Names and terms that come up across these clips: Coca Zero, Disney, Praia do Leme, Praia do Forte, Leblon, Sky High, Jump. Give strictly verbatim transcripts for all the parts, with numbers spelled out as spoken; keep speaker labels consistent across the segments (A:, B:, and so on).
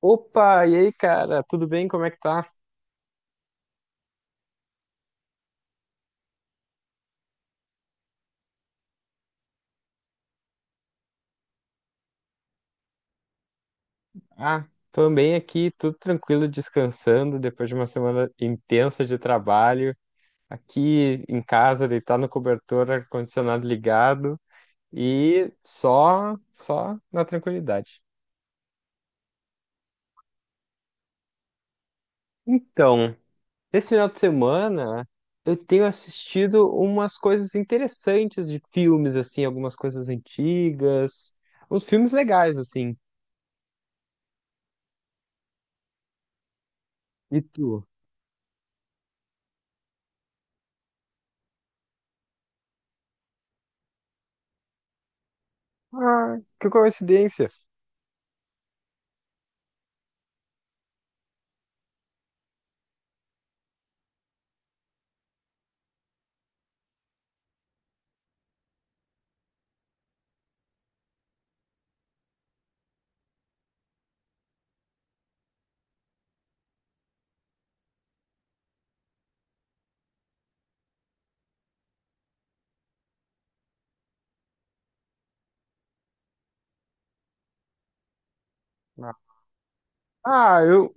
A: Opa, e aí, cara? Tudo bem? Como é que tá? Ah, tô bem aqui, tudo tranquilo, descansando depois de uma semana intensa de trabalho. Aqui em casa, deitado no cobertor, ar-condicionado ligado e só, só na tranquilidade. Então, esse final de semana eu tenho assistido umas coisas interessantes de filmes, assim, algumas coisas antigas, uns filmes legais, assim. E tu? Ah, que coincidência! Ah, eu.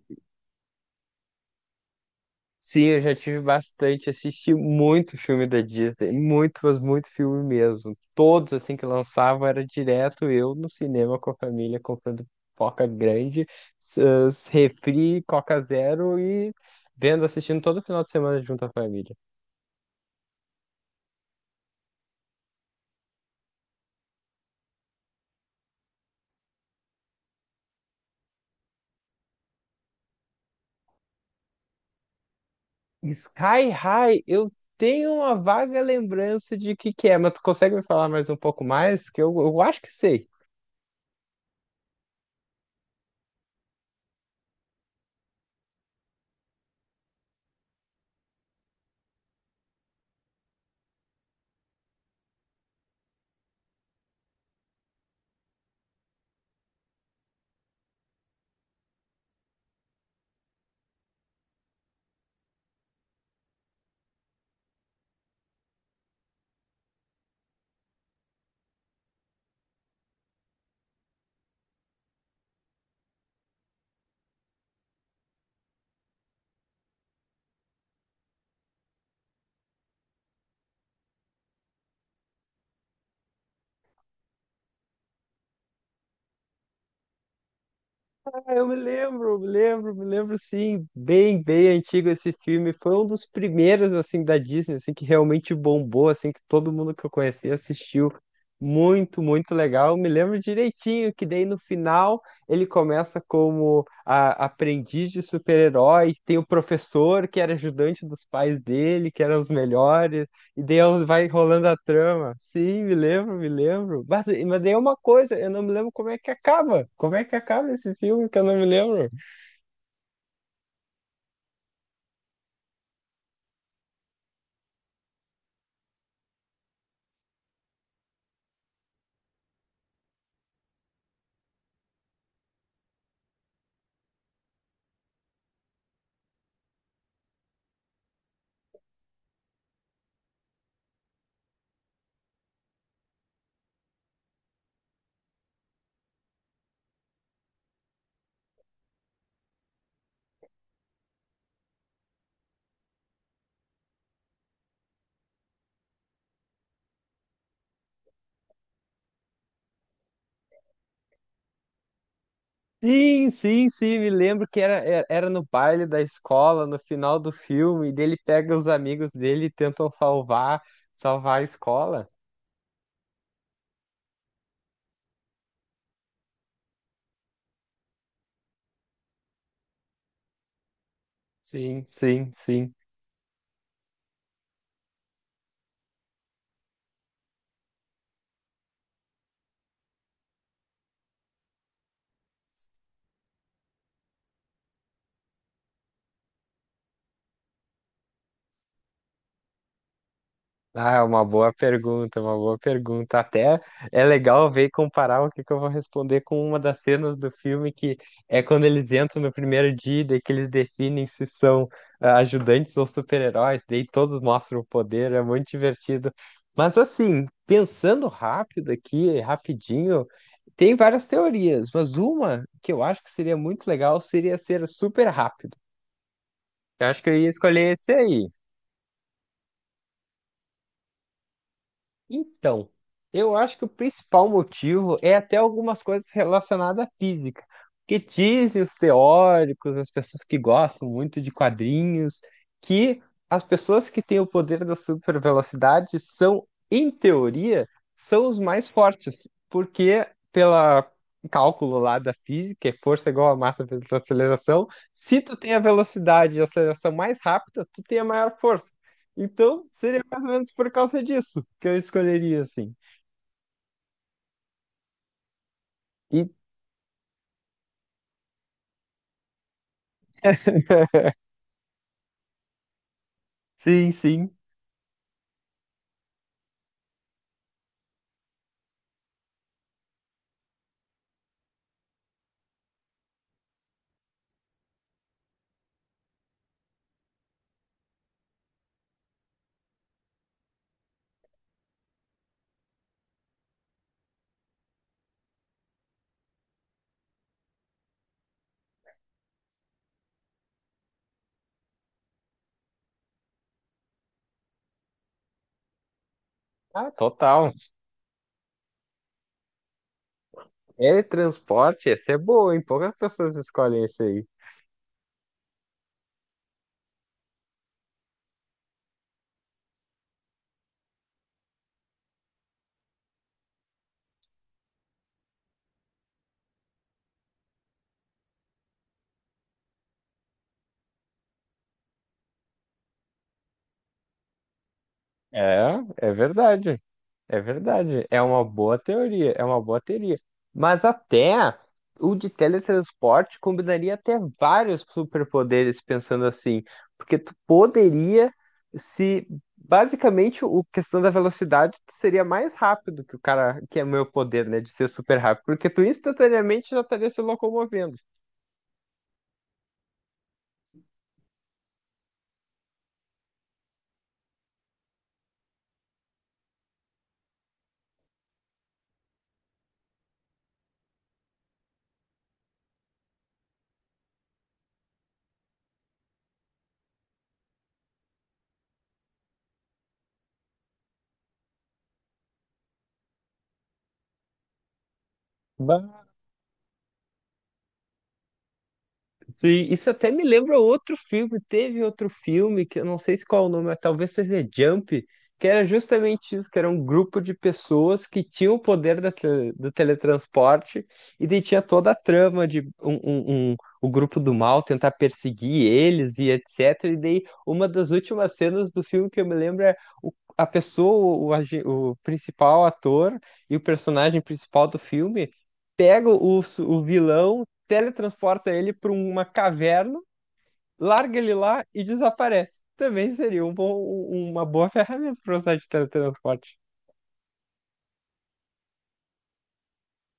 A: Sim, eu já tive bastante. Assisti muito filme da Disney. Muito, mas muito filme mesmo. Todos, assim, que lançavam, era direto eu no cinema com a família, comprando pipoca grande, s- s- refri, Coca Zero e vendo, assistindo todo final de semana junto à família. Sky High, eu tenho uma vaga lembrança de que que é, mas tu consegue me falar mais um pouco mais? Que eu, eu acho que sei. Ah, eu me lembro, me lembro, me lembro sim, bem, bem antigo esse filme. Foi um dos primeiros assim da Disney, assim que realmente bombou, assim que todo mundo que eu conheci assistiu. Muito, muito legal. Eu me lembro direitinho que daí no final ele começa como a- aprendiz de super-herói, tem o professor que era ajudante dos pais dele, que eram os melhores. E daí ela vai rolando a trama. Sim, me lembro, me lembro. Mas, mas daí é uma coisa, eu não me lembro como é que acaba. Como é que acaba esse filme que eu não me lembro? Sim, sim, sim, me lembro que era, era era no baile da escola, no final do filme, e daí ele pega os amigos dele e tentam salvar, salvar a escola. Sim, sim, sim. Ah, é uma boa pergunta, uma boa pergunta. Até é legal ver e comparar o que que eu vou responder com uma das cenas do filme, que é quando eles entram no primeiro dia, e daí que eles definem se são ah, ajudantes ou super-heróis, daí todos mostram o poder, é muito divertido. Mas assim, pensando rápido aqui, rapidinho, tem várias teorias, mas uma que eu acho que seria muito legal seria ser super rápido. Eu acho que eu ia escolher esse aí. Então, eu acho que o principal motivo é até algumas coisas relacionadas à física. Que dizem os teóricos, as pessoas que gostam muito de quadrinhos, que as pessoas que têm o poder da supervelocidade são, em teoria, são os mais fortes, porque pela cálculo lá da física, é força igual a massa vezes aceleração, se tu tem a velocidade e a aceleração mais rápida, tu tem a maior força. Então, seria mais ou menos por causa disso que eu escolheria, assim. E sim, sim. Ah, total. É transporte, essa é boa, hein? Poucas pessoas escolhem esse aí. É, é verdade. É verdade, é uma boa teoria, é uma boa teoria. Mas até o de teletransporte combinaria até vários superpoderes, pensando assim, porque tu poderia se basicamente o questão da velocidade, tu seria mais rápido que o cara, que é o meu poder, né, de ser super rápido, porque tu instantaneamente já estaria se locomovendo. Sim, isso até me lembra outro filme. Teve outro filme que eu não sei se qual é o nome, mas talvez seja Jump, que era justamente isso, que era um grupo de pessoas que tinham o poder da tele- do teletransporte e daí tinha toda a trama de um, um- um- o grupo do mal tentar perseguir eles e etcétera. E daí uma das últimas cenas do filme que eu me lembro é o- a pessoa, o, agi- o principal ator e o personagem principal do filme pega o, su- o vilão teletransporta ele para uma caverna, larga ele lá e desaparece. Também seria um bom- um, uma boa ferramenta para usar de teletransporte.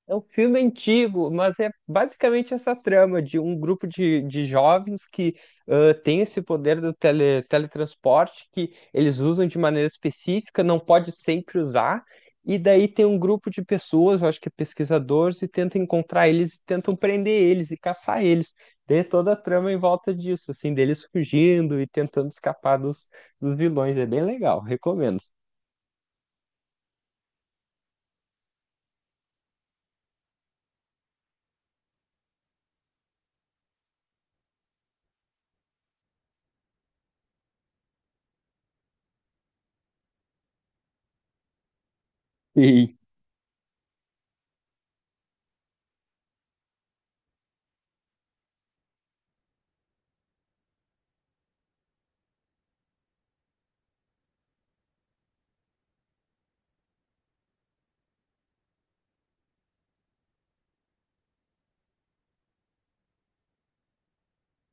A: É um filme antigo, mas é basicamente essa trama de um grupo de, de jovens que ãh, tem esse poder do tele, teletransporte que eles usam de maneira específica, não pode sempre usar. E daí tem um grupo de pessoas, eu acho que é pesquisadores, e tentam encontrar eles, tentam prender eles e caçar eles. Daí é toda a trama em volta disso, assim, deles fugindo e tentando escapar dos, dos vilões. É bem legal, recomendo. Sim,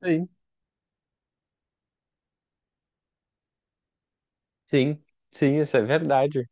A: sim, sim, sim, isso é verdade.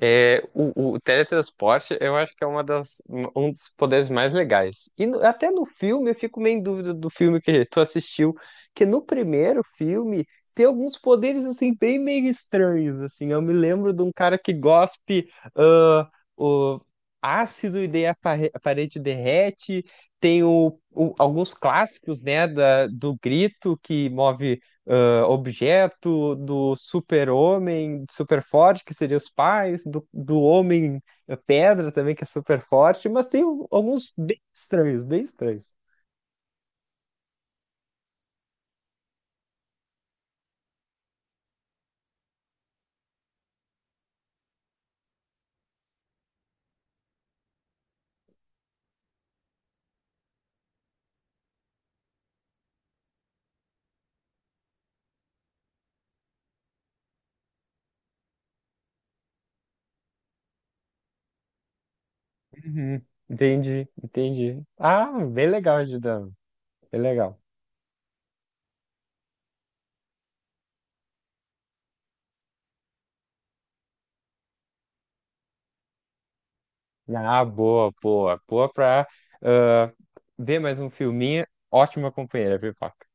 A: É, o, o teletransporte eu acho que é uma das, um dos poderes mais legais. E no- até no filme eu fico meio em dúvida do filme que tu assistiu, que no primeiro filme tem alguns poderes assim bem meio estranhos assim. Eu me lembro de um cara que gospe ah, o ácido e daí a pare- a parede derrete. Tem o, o- alguns clássicos, né, da, do grito que move ah, objeto, do super-homem, super forte, que seria os pais, do, do homem eh, pedra também, que é super forte, mas tem um- alguns bem estranhos, bem estranhos. Uhum. Entendi, entendi. Ah, bem legal, Gidano, bem legal. Ah, boa, boa, boa pra ah, ver mais um filminho. Ótima companheira, Pipoca.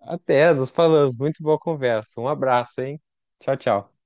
A: Até, nos falamos. Muito boa conversa. Um abraço, hein? Tchau, tchau.